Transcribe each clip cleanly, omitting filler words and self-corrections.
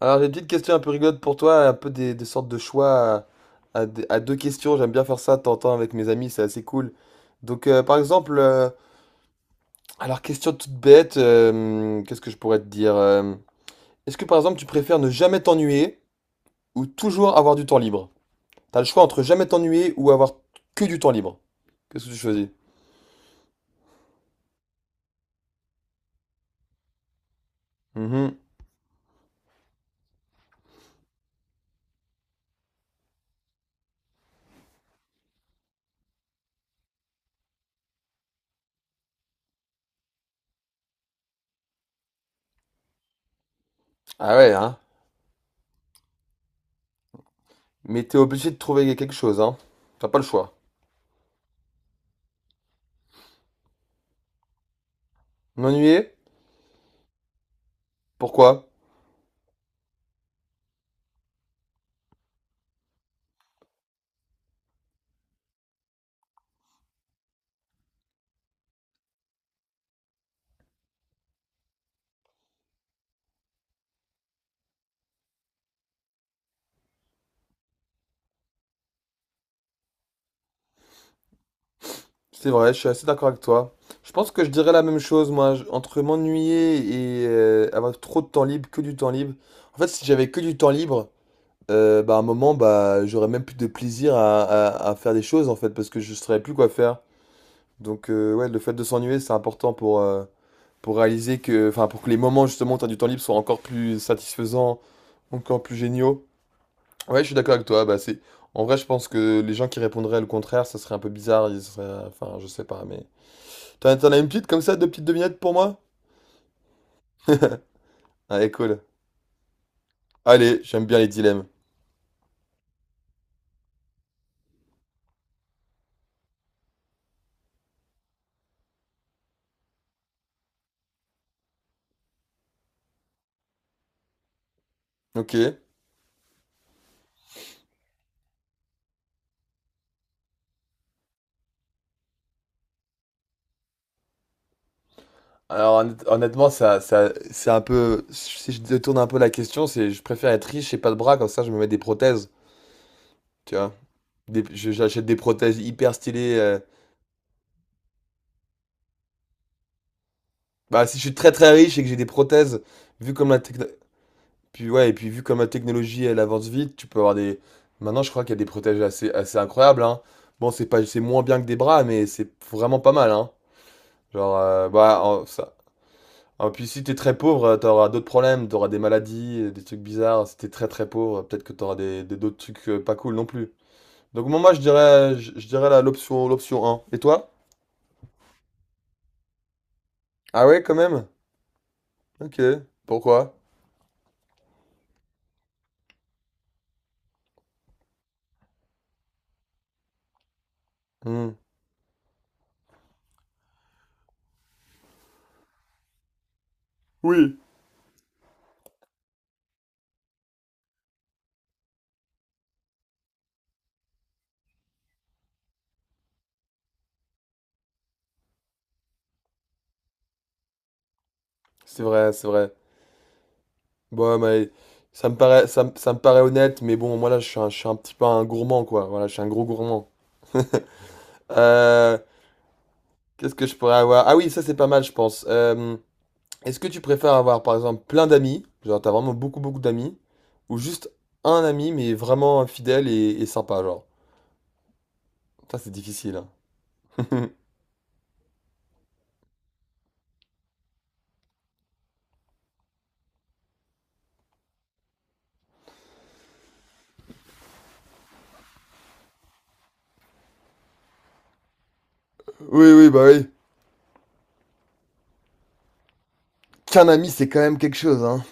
Alors, j'ai une petite question un peu rigolote pour toi, un peu des sortes de choix à deux questions. J'aime bien faire ça de temps en temps avec mes amis, c'est assez cool. Donc, par exemple, alors, question toute bête, qu'est-ce que je pourrais te dire? Est-ce que, par exemple, tu préfères ne jamais t'ennuyer ou toujours avoir du temps libre? T'as le choix entre jamais t'ennuyer ou avoir que du temps libre. Qu'est-ce que tu choisis? Mhm. Ah ouais, hein? Mais t'es obligé de trouver quelque chose, hein? T'as pas le choix. M'ennuyer? Pourquoi? C'est vrai, je suis assez d'accord avec toi. Je pense que je dirais la même chose, moi, entre m'ennuyer et avoir trop de temps libre, que du temps libre. En fait, si j'avais que du temps libre, bah, à un moment, bah, j'aurais même plus de plaisir à faire des choses, en fait, parce que je ne saurais plus quoi faire. Donc, ouais, le fait de s'ennuyer, c'est important pour réaliser que, enfin, pour que les moments, justement, où tu as du temps libre soient encore plus satisfaisants, encore plus géniaux. Ouais, je suis d'accord avec toi, bah, c'est... En vrai, je pense que les gens qui répondraient le contraire, ça serait un peu bizarre, ils seraient... Enfin, je sais pas, mais... T'en as une petite comme ça, deux petites devinettes pour moi? Allez, cool. Allez, j'aime bien les dilemmes. Ok. Alors honnêtement, ça, c'est un peu. Si je détourne un peu la question, c'est je préfère être riche et pas de bras, comme ça je me mets des prothèses. Tu vois? J'achète des prothèses hyper stylées. Bah si je suis très très riche et que j'ai des prothèses, vu comme la techno- puis ouais, et puis vu comme la technologie elle avance vite, tu peux avoir des. Maintenant je crois qu'il y a des prothèses assez, assez incroyables, hein. Bon, c'est pas, c'est moins bien que des bras, mais c'est vraiment pas mal, hein. Genre, bah, Ah, puis si t'es très pauvre, t'auras d'autres problèmes, t'auras des maladies, des trucs bizarres. Si t'es très très pauvre, peut-être que t'auras d'autres trucs pas cool non plus. Donc moi, je dirais, je dirais l'option un. Et toi? Ah ouais, quand même? Ok. Pourquoi? Hmm. Oui. C'est vrai, c'est vrai. Bon, mais ça me paraît honnête, mais bon, moi là, je suis un petit peu un gourmand, quoi. Voilà, je suis un gros gourmand. Euh, qu'est-ce que je pourrais avoir? Ah oui, ça c'est pas mal, je pense. Est-ce que tu préfères avoir, par exemple, plein d'amis, genre t'as vraiment beaucoup beaucoup d'amis, ou juste un ami mais vraiment fidèle et sympa, genre? Ça c'est difficile, hein. Oui, oui, bah oui. Qu'un ami, c'est quand même quelque chose, hein.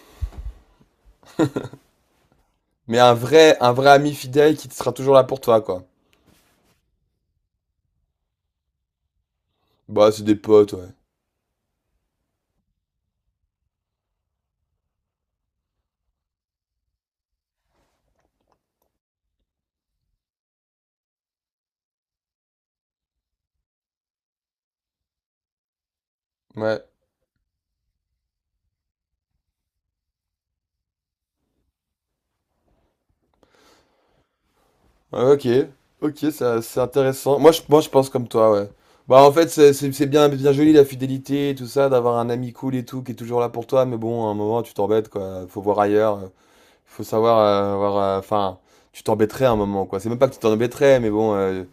Mais un vrai ami fidèle qui te sera toujours là pour toi, quoi. Bah c'est des potes, ouais. Ouais. Ouais, ok. Ok, ça c'est intéressant. Moi je pense comme toi, ouais. Bah en fait c'est bien, bien joli la fidélité et tout ça, d'avoir un ami cool et tout qui est toujours là pour toi, mais bon à un moment tu t'embêtes, quoi. Faut voir ailleurs. Faut savoir avoir, enfin, tu t'embêterais à un moment, quoi. C'est même pas que tu t'embêterais, mais bon,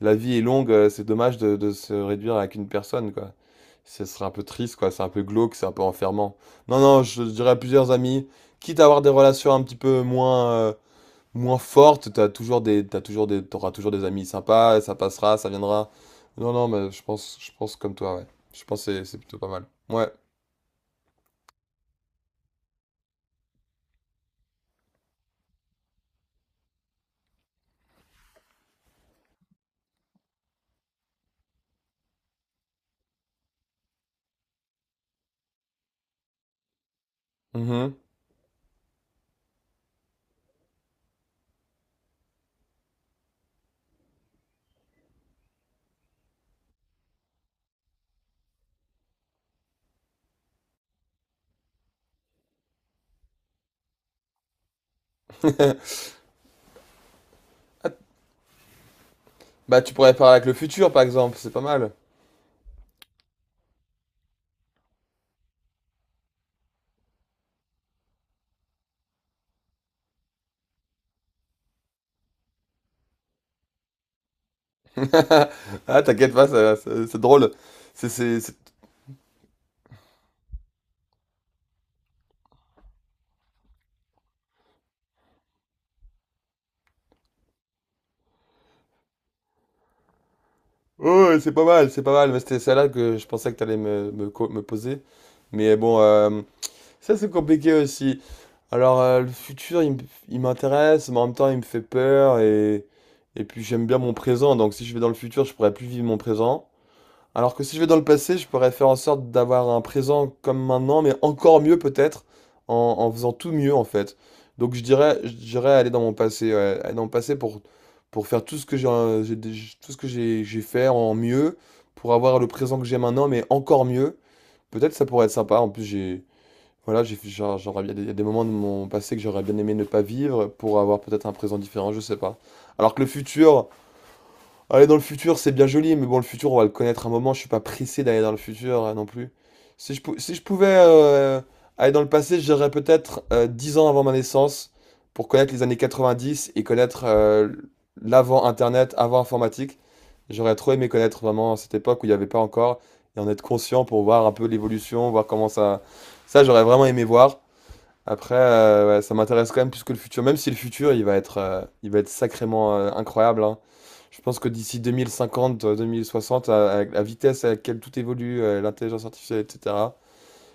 la vie est longue, c'est dommage de se réduire à qu'une personne, quoi. Ce serait un peu triste, quoi. C'est un peu glauque, c'est un peu enfermant. Non, non, je dirais à plusieurs amis, quitte à avoir des relations un petit peu moins, moins fortes, t'auras toujours des amis sympas, ça passera, ça viendra. Non, non, mais je pense comme toi, ouais. Je pense que c'est plutôt pas mal. Ouais. Mhm. Ah, bah, tu pourrais parler avec le futur, par exemple, c'est pas mal. Ah, t'inquiète pas, c'est drôle. C'est c'est- c'est- oh, c'est pas mal, c'est pas mal. Mais c'était celle-là que je pensais que t'allais me poser. Mais bon, ça c'est compliqué aussi. Alors, le futur, il m'intéresse, mais en même temps, il me fait peur. Et puis, j'aime bien mon présent. Donc, si je vais dans le futur, je pourrais plus vivre mon présent. Alors que si je vais dans le passé, je pourrais faire en sorte d'avoir un présent comme maintenant, mais encore mieux peut-être, en faisant tout mieux en fait. Donc je dirais aller dans mon passé, ouais, aller dans mon passé pour faire tout ce que j'ai fait en mieux, pour avoir le présent que j'ai maintenant, mais encore mieux. Peut-être ça pourrait être sympa. En plus, voilà, genre, il y a des moments de mon passé que j'aurais bien aimé ne pas vivre pour avoir peut-être un présent différent, je sais pas. Alors que le futur. Aller dans le futur, c'est bien joli, mais bon, le futur, on va le connaître un moment. Je suis pas pressé d'aller dans le futur non plus. Si je pouvais aller dans le passé, j'irais peut-être 10 ans avant ma naissance pour connaître les années 90 et connaître l'avant Internet, avant informatique. J'aurais trop aimé connaître vraiment cette époque où il n'y avait pas encore et en être conscient pour voir un peu l'évolution, voir comment ça. Ça, j'aurais vraiment aimé voir. Après, ouais, ça m'intéresse quand même plus que le futur, même si le futur, il va être sacrément incroyable, hein. Je pense que d'ici 2050 2060, la vitesse à laquelle tout évolue, l'intelligence artificielle, etc.,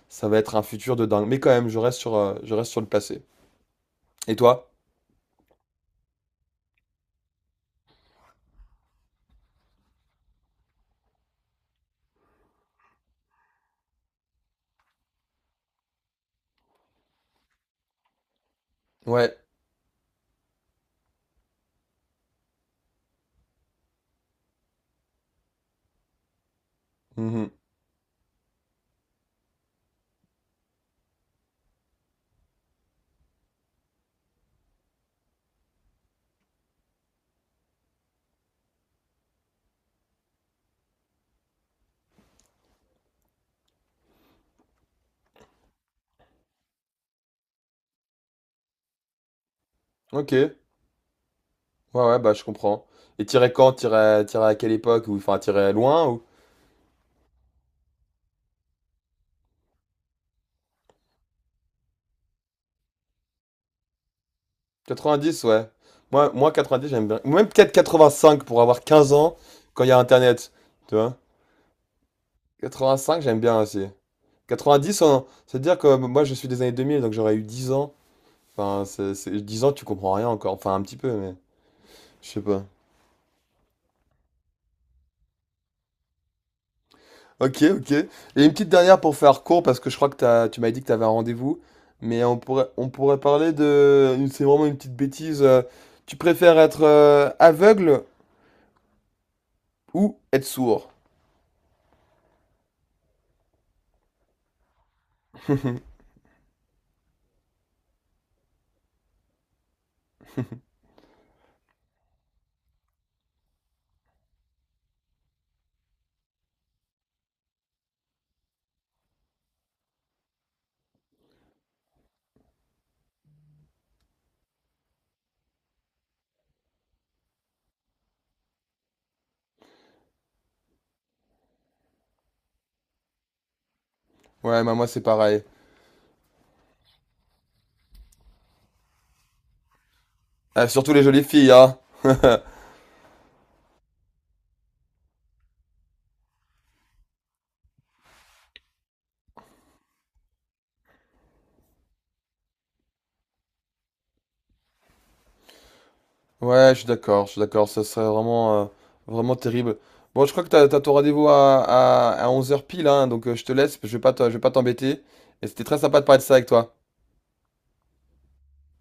ça va être un futur de dingue. Mais quand même, je reste sur le passé. Et toi? Ouais. Mhm. Ok. Ouais, ouais, bah je comprends. Et tirer quand? Tirer, tirer à quelle époque? Ou enfin, tirer loin? Ou 90 ouais. Moi 90 j'aime bien. Ou même peut-être cinq pour avoir 15 ans quand il y a Internet. Tu vois? 85, j'aime bien aussi. 90, c'est à dire que moi je suis des années 2000, donc j'aurais eu 10 ans. Enfin, 10 ans, tu comprends rien encore. Enfin, un petit peu, mais je sais pas. Ok, ok. Et une petite dernière pour faire court, parce que je crois que tu m'as dit que tu avais un rendez-vous. Mais on pourrait parler de. C'est vraiment une petite bêtise. Tu préfères être aveugle ou être sourd? Ouais, bah moi c'est pareil. Ah, surtout les jolies filles, hein. Ouais, je suis d'accord, ça serait vraiment, vraiment terrible. Bon, je crois que t'as ton rendez-vous à 11 h pile, hein, donc je te laisse, je vais pas t'embêter. Et c'était très sympa de parler de ça avec toi.